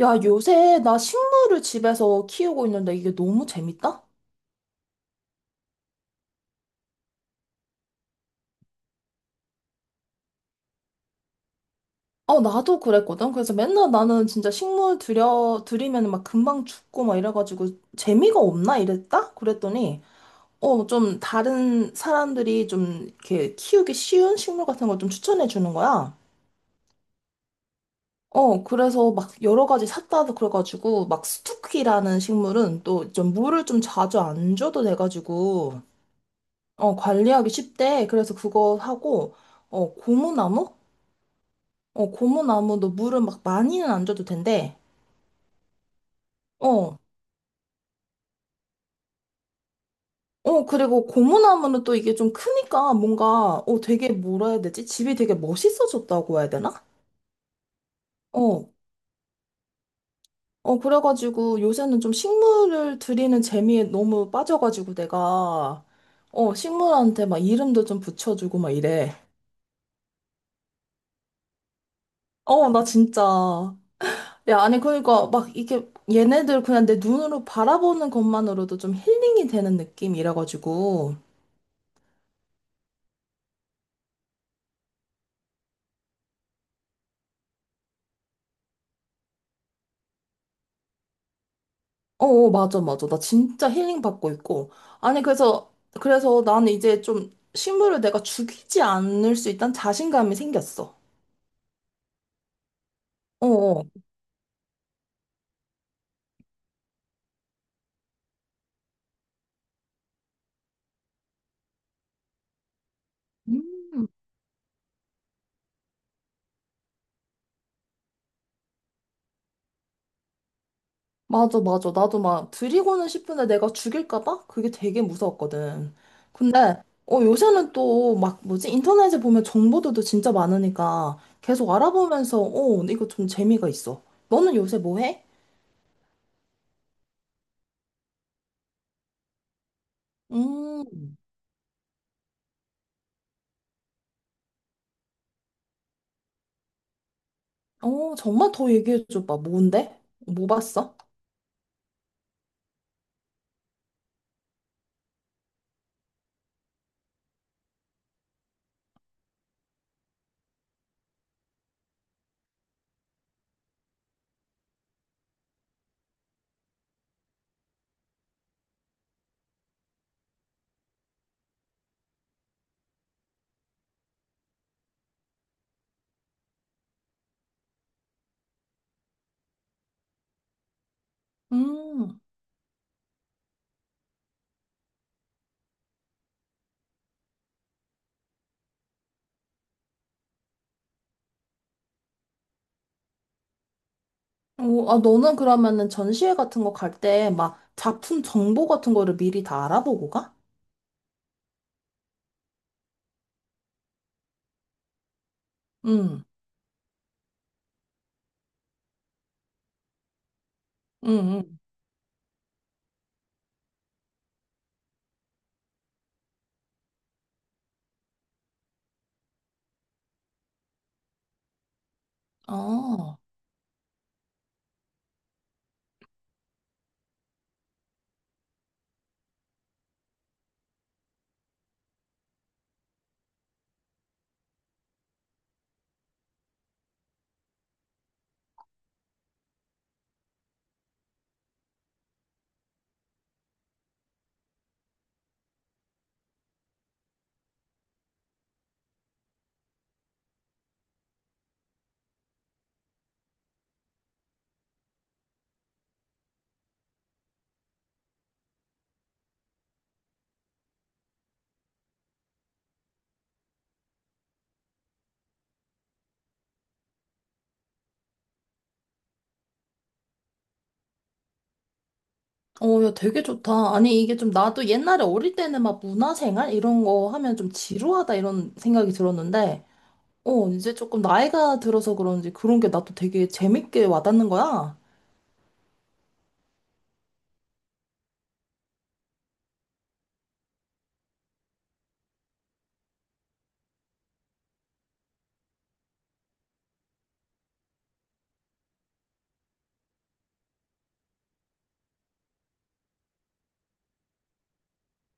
야, 요새 나 식물을 집에서 키우고 있는데 이게 너무 재밌다? 어, 나도 그랬거든. 그래서 맨날 나는 진짜 식물 들이면 막 금방 죽고 막 이래가지고 재미가 없나 이랬다? 그랬더니, 어, 좀 다른 사람들이 좀 이렇게 키우기 쉬운 식물 같은 걸 좀 추천해 주는 거야. 어, 그래서 막 여러 가지 샀다도 그래가지고 막 스투키라는 식물은 또 좀 물을 좀 자주 안 줘도 돼가지고, 어, 관리하기 쉽대. 그래서 그거 하고, 어, 고무나무? 어, 고무나무도 물을 막 많이는 안 줘도 된대. 어, 어, 그리고 고무나무는 또 이게 좀 크니까 뭔가, 어, 되게 뭐라 해야 되지? 집이 되게 멋있어졌다고 해야 되나? 어, 어, 그래가지고 요새는 좀 식물을 들이는 재미에 너무 빠져가지고 내가, 어, 식물한테 막 이름도 좀 붙여주고 막 이래. 어, 나 진짜. 야, 아니, 그러니까 막 이게 얘네들 그냥 내 눈으로 바라보는 것만으로도 좀 힐링이 되는 느낌이라가지고. 어, 어, 맞아, 맞아. 나 진짜 힐링 받고 있고. 아니, 그래서, 그래서 나는 이제 좀 식물을 내가 죽이지 않을 수 있다는 자신감이 생겼어. 어, 어. 맞아, 맞아. 나도 막 드리고는 싶은데 내가 죽일까봐? 그게 되게 무서웠거든. 근데, 어, 요새는 또 막 뭐지? 인터넷에 보면 정보들도 진짜 많으니까 계속 알아보면서, 어, 이거 좀 재미가 있어. 너는 요새 뭐 해? 음, 어, 정말 더 얘기해줘봐. 뭔데? 뭐 봤어? 음. 오, 아, 너는 그러면은 전시회 같은 거 갈 때 막 작품 정보 같은 거를 미리 다 알아보고 가? 응, 응, 응. 아, 어, 야, 되게 좋다. 아니, 이게 좀 나도 옛날에 어릴 때는 막 문화생활 이런 거 하면 좀 지루하다 이런 생각이 들었는데, 어, 이제 조금 나이가 들어서 그런지 그런 게 나도 되게 재밌게 와닿는 거야.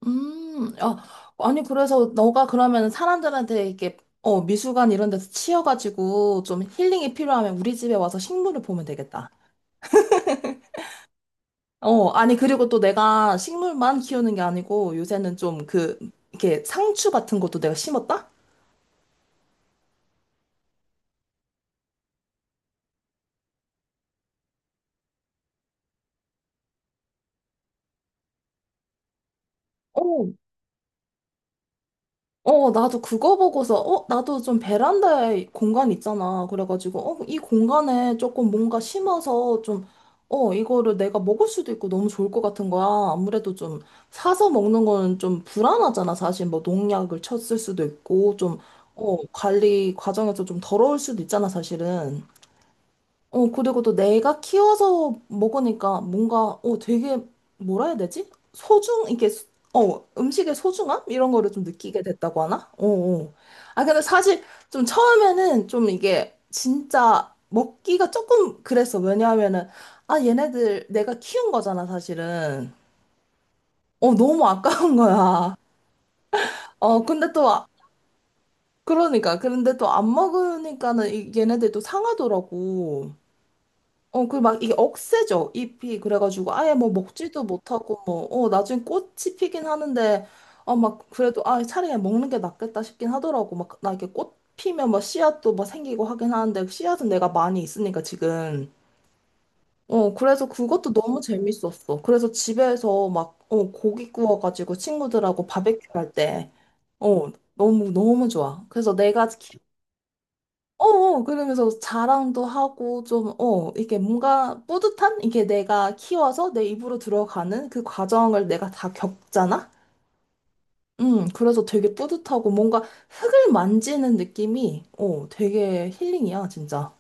야, 아니, 그래서 너가 그러면 사람들한테 이렇게 어, 미술관 이런 데서 치여가지고 좀 힐링이 필요하면 우리 집에 와서 식물을 보면 되겠다. 어, 아니, 그리고 또 내가 식물만 키우는 게 아니고 요새는 좀 그, 이렇게 상추 같은 것도 내가 심었다? 어, 어, 나도 그거 보고서, 어, 나도 좀 베란다에 공간 있잖아. 그래가지고, 어, 이 공간에 조금 뭔가 심어서 좀, 어, 이거를 내가 먹을 수도 있고 너무 좋을 것 같은 거야. 아무래도 좀 사서 먹는 거는 좀 불안하잖아. 사실 뭐 농약을 쳤을 수도 있고, 좀, 어, 관리 과정에서 좀 더러울 수도 있잖아, 사실은. 어, 그리고 또 내가 키워서 먹으니까 뭔가, 어, 되게, 뭐라 해야 되지? 소중, 이게, 어, 음식의 소중함? 이런 거를 좀 느끼게 됐다고 하나? 어, 어. 아, 근데 사실 좀 처음에는 좀 이게 진짜 먹기가 조금 그랬어. 왜냐하면은, 아, 얘네들 내가 키운 거잖아, 사실은. 어, 너무 아까운 거야. 어, 근데 또, 아- 그러니까. 그런데 또 안 먹으니까는 이- 얘네들도 상하더라고. 어, 그 막 이게 억세죠, 잎이. 그래가지고 아예 뭐 먹지도 못하고 뭐, 어, 나중에 꽃이 피긴 하는데, 어, 막 그래도 아, 차라리 그냥 먹는 게 낫겠다 싶긴 하더라고. 막 나 이게 꽃 피면 막 씨앗도 막 생기고 하긴 하는데, 씨앗은 내가 많이 있으니까 지금. 어, 그래서 그것도 너무 재밌었어. 그래서 집에서 막, 어, 고기 구워가지고 친구들하고 바베큐 할 때, 어, 너무, 너무 좋아. 그래서 내가 어, 어, 그러면서 자랑도 하고 좀, 어, 이게 뭔가 뿌듯한? 이게 내가 키워서 내 입으로 들어가는 그 과정을 내가 다 겪잖아? 그래서 되게 뿌듯하고 뭔가 흙을 만지는 느낌이, 어, 되게 힐링이야, 진짜.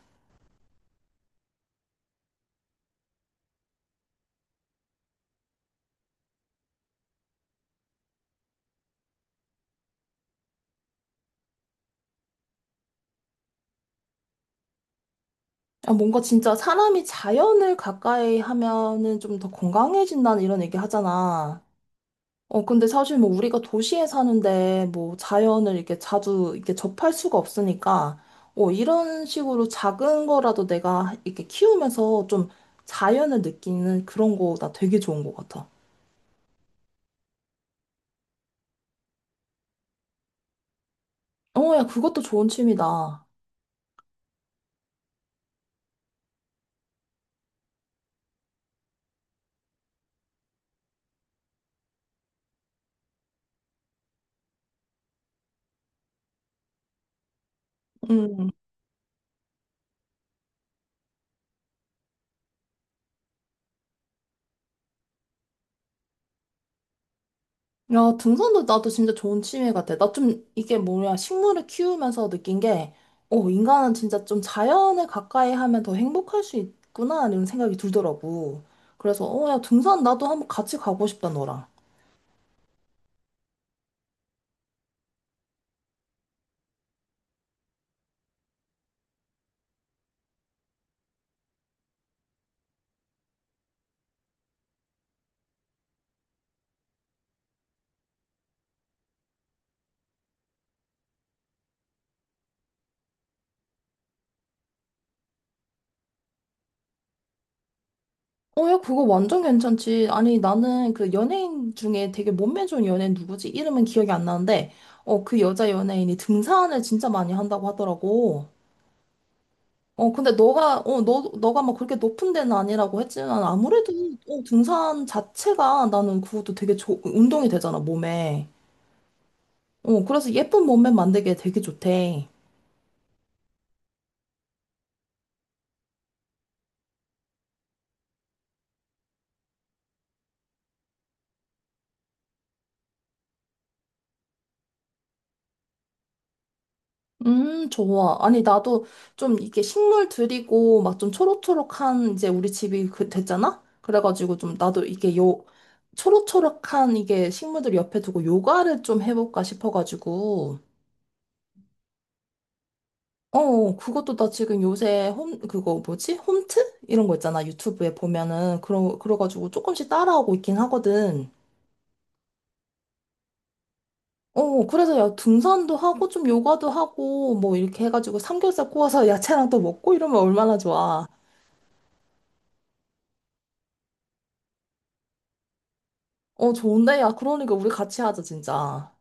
아, 뭔가 진짜 사람이 자연을 가까이 하면은 좀 더 건강해진다는 이런 얘기 하잖아. 어, 근데 사실 뭐 우리가 도시에 사는데 뭐 자연을 이렇게 자주 이렇게 접할 수가 없으니까, 어, 이런 식으로 작은 거라도 내가 이렇게 키우면서 좀 자연을 느끼는 그런 거 나 되게 좋은 것 같아. 어, 야, 그것도 좋은 취미다. 음. 야, 등산도 나도 진짜 좋은 취미 같아. 나 좀 이게 뭐냐, 식물을 키우면서 느낀 게, 어, 인간은 진짜 좀 자연을 가까이 하면 더 행복할 수 있구나, 이런 생각이 들더라고. 그래서, 어, 야, 등산 나도 한번 같이 가고 싶다, 너랑. 어, 야, 그거 완전 괜찮지. 아니, 나는 그 연예인 중에 되게 몸매 좋은 연예인 누구지? 이름은 기억이 안 나는데, 어, 그 여자 연예인이 등산을 진짜 많이 한다고 하더라고. 어, 근데 너가, 어, 너가 막 그렇게 높은 데는 아니라고 했지만, 아무래도, 어, 등산 자체가 나는 그것도 되게 좋 운동이 되잖아, 몸에. 어, 그래서 예쁜 몸매 만들기에 되게 좋대. 좋아. 아니, 나도 좀 이게 식물 들이고 막 좀 초록초록한 이제 우리 집이 그 됐잖아? 그래가지고 좀 나도 이게 요, 초록초록한 이게 식물들 옆에 두고 요가를 좀 해볼까 싶어가지고. 어, 어, 그것도 나 지금 요새 홈, 그거 뭐지? 홈트? 이런 거 있잖아. 유튜브에 보면은. 그래가지고 조금씩 따라하고 있긴 하거든. 어, 어, 그래서 야, 등산도 하고 좀 요가도 하고 뭐 이렇게 해가지고 삼겹살 구워서 야채랑 또 먹고 이러면 얼마나 좋아. 어, 좋은데? 야, 그러니까 우리 같이 하자, 진짜.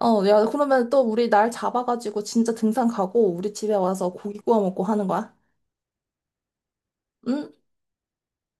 어, 야, 그러면 또 우리 날 잡아가지고 진짜 등산 가고 우리 집에 와서 고기 구워 먹고 하는 거야? 응?